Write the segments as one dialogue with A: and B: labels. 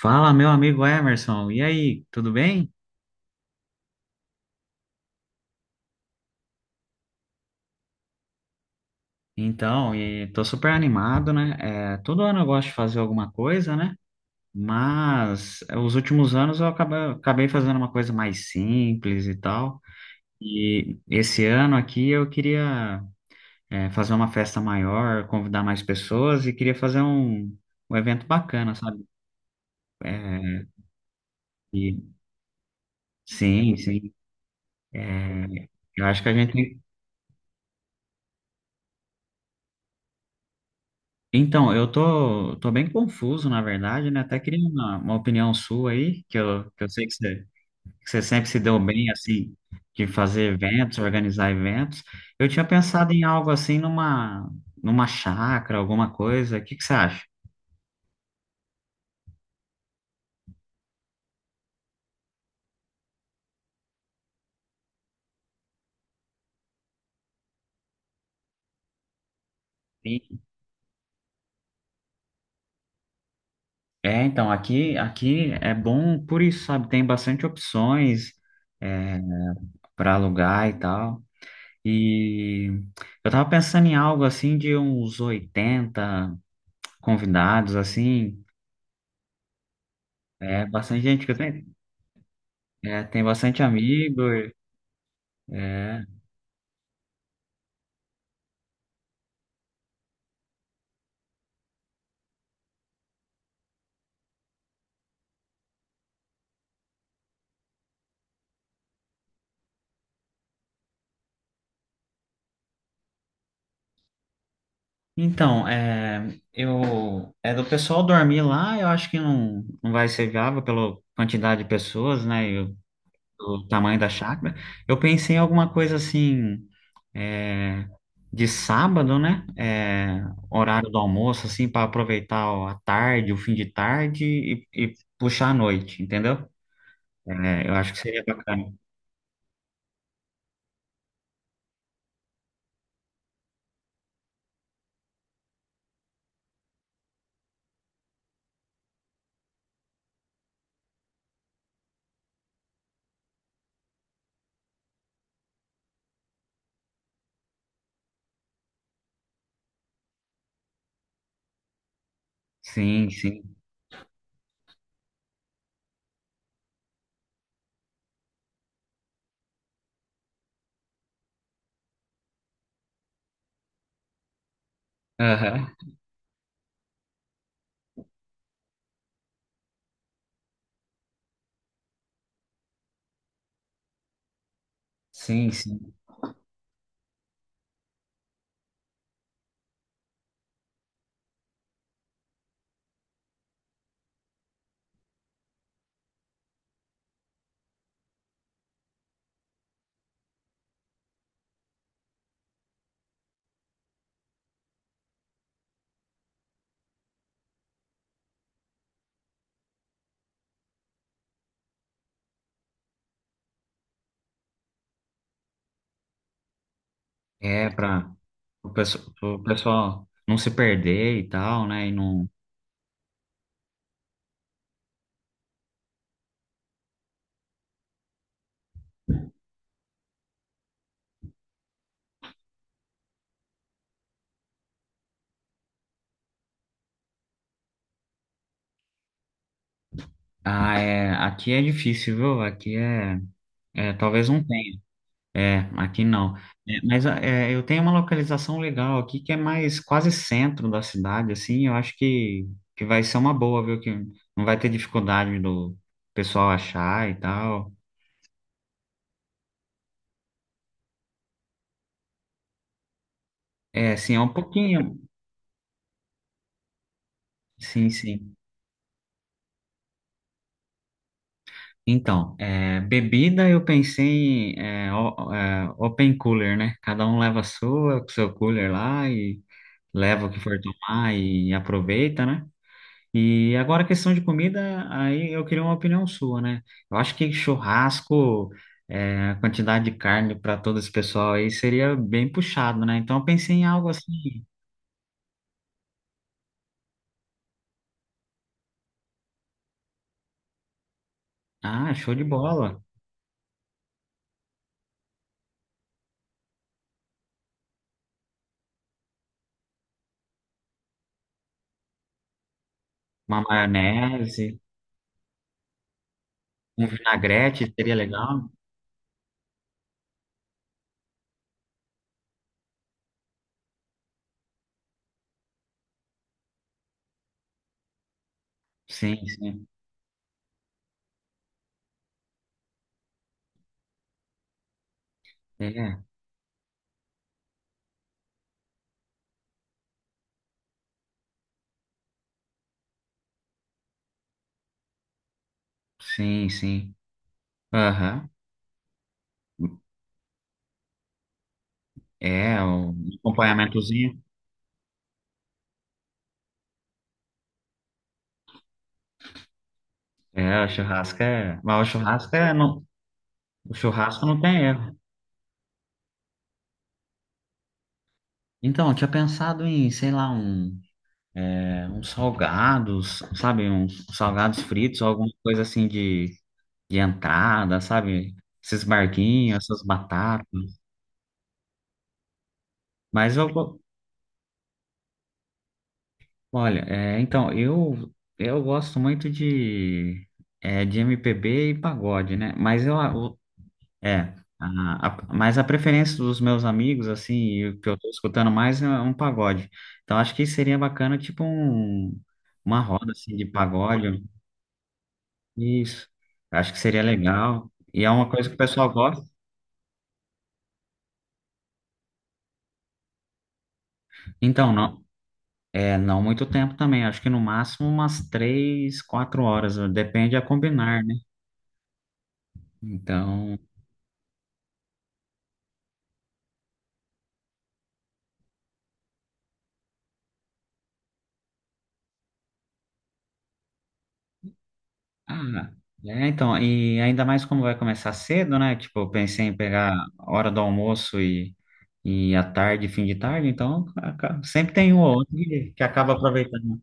A: Fala, meu amigo Emerson. E aí, tudo bem? Então, e tô super animado, né? É, todo ano eu gosto de fazer alguma coisa, né? Mas é, os últimos anos eu acabei fazendo uma coisa mais simples e tal. E esse ano aqui eu queria, fazer uma festa maior, convidar mais pessoas e queria fazer um evento bacana, sabe? É, e, sim, sim. É, eu acho que a gente tem. Então, eu tô bem confuso, na verdade, né? Até queria uma opinião sua aí, que eu sei que você sempre se deu bem, assim, de fazer eventos, organizar eventos. Eu tinha pensado em algo assim, numa chácara, alguma coisa. O que que você acha? Sim. É, então, aqui é bom por isso, sabe? Tem bastante opções, é, para alugar e tal. E eu tava pensando em algo assim de uns 80 convidados, assim. É, bastante gente que eu tenho. É, tem bastante amigo. É. Então, é do pessoal dormir lá, eu acho que não, não vai ser viável pela quantidade de pessoas, né, e o tamanho da chácara. Eu pensei em alguma coisa assim, é, de sábado, né, horário do almoço, assim, para aproveitar a tarde, o fim de tarde e puxar a noite, entendeu? É, eu acho que seria bacana. Sim, sim. Aham. Sim, sim. É, para pro pessoal não se perder e tal, né? E não... Ah, é, aqui é difícil, viu? Aqui é talvez não tenha. É, aqui não. É, mas eu tenho uma localização legal aqui que é mais quase centro da cidade, assim. Eu acho que vai ser uma boa, viu? Que não vai ter dificuldade do pessoal achar e tal. É, sim, é um pouquinho. Sim, sim. Então, é, bebida eu pensei em open cooler, né? Cada um leva a sua, com seu cooler lá e leva o que for tomar e aproveita, né? E agora a questão de comida, aí eu queria uma opinião sua, né? Eu acho que churrasco, a quantidade de carne para todo esse pessoal aí seria bem puxado, né? Então eu pensei em algo assim, ah, show de bola, uma maionese, um vinagrete seria legal. Sim, sim. É, sim, sim. Aham. É, um acompanhamentozinho. É, o churrasco é. Mas o churrasco é. Não, o churrasco não tem erro. Então, eu tinha pensado em, sei lá, uns salgados, sabe? Uns salgados fritos, alguma coisa assim de entrada, sabe? Esses barquinhos, essas batatas. Mas eu. go- Olha, então, eu gosto muito de MPB e pagode, né? Mas eu, É, a- mas a preferência dos meus amigos, assim, e o que eu tô escutando mais é um pagode. Então acho que seria bacana, tipo, uma roda, assim, de pagode. Isso, acho que seria legal. E é uma coisa que o pessoal gosta. Então, não, não muito tempo também. Acho que no máximo umas três, quatro horas. Depende a combinar, né? Então. Ah, então, e ainda mais como vai começar cedo, né? Tipo, eu pensei em pegar a hora do almoço e à tarde, fim de tarde, então sempre tem um ou outro que acaba aproveitando.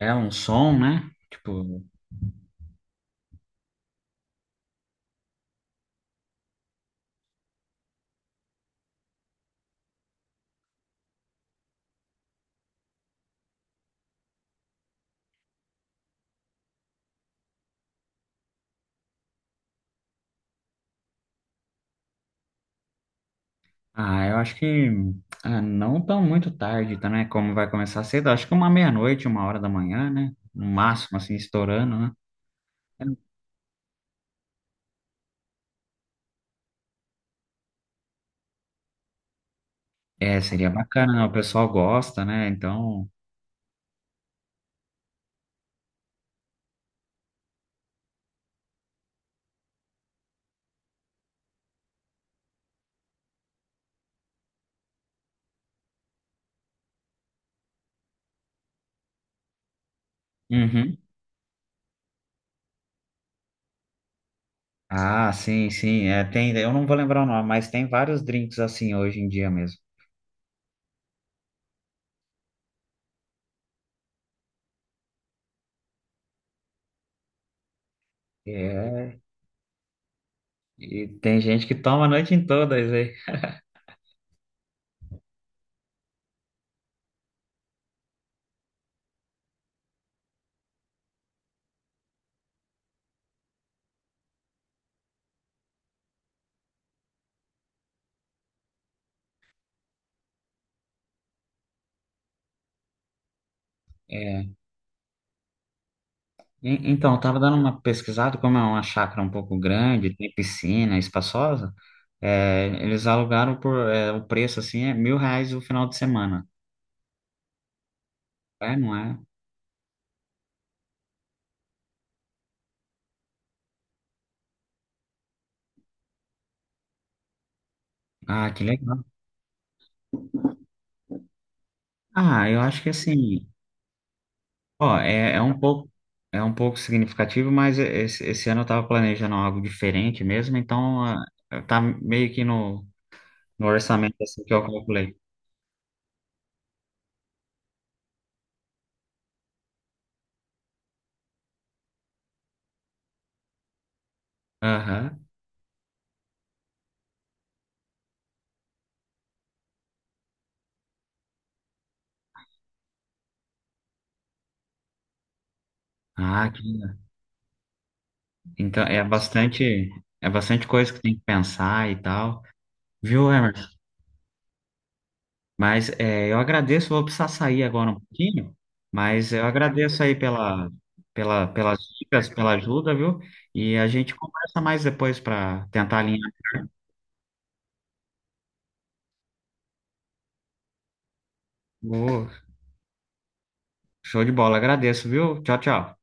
A: É um som, né? Tipo, ah, eu acho que não tão muito tarde, tá, né? Como vai começar cedo, acho que uma meia-noite, uma hora da manhã, né? No máximo, assim, estourando, né? É, seria bacana, né? O pessoal gosta, né? Então. Uhum. Ah, sim, sim, é, tem, eu não vou lembrar o nome, mas tem vários drinks assim hoje em dia mesmo. É, e tem gente que toma a noite em todas, aí. É, então, eu tava dando uma pesquisada, como é uma chácara um pouco grande, tem piscina, espaçosa, eles alugaram por, o preço assim, é 1.000 reais o final de semana. É, não é? Ah, que legal. Ah, eu acho que assim, ó, é um pouco significativo, mas esse ano eu estava planejando algo diferente mesmo, então tá meio que no orçamento assim que eu calculei. Aham. Ah, então é bastante coisa que tem que pensar e tal, viu, Emerson? Mas eu agradeço, vou precisar sair agora um pouquinho, mas eu agradeço aí pelas dicas, pela ajuda, viu? E a gente conversa mais depois para tentar alinhar. Ô, show de bola, agradeço, viu? Tchau, tchau.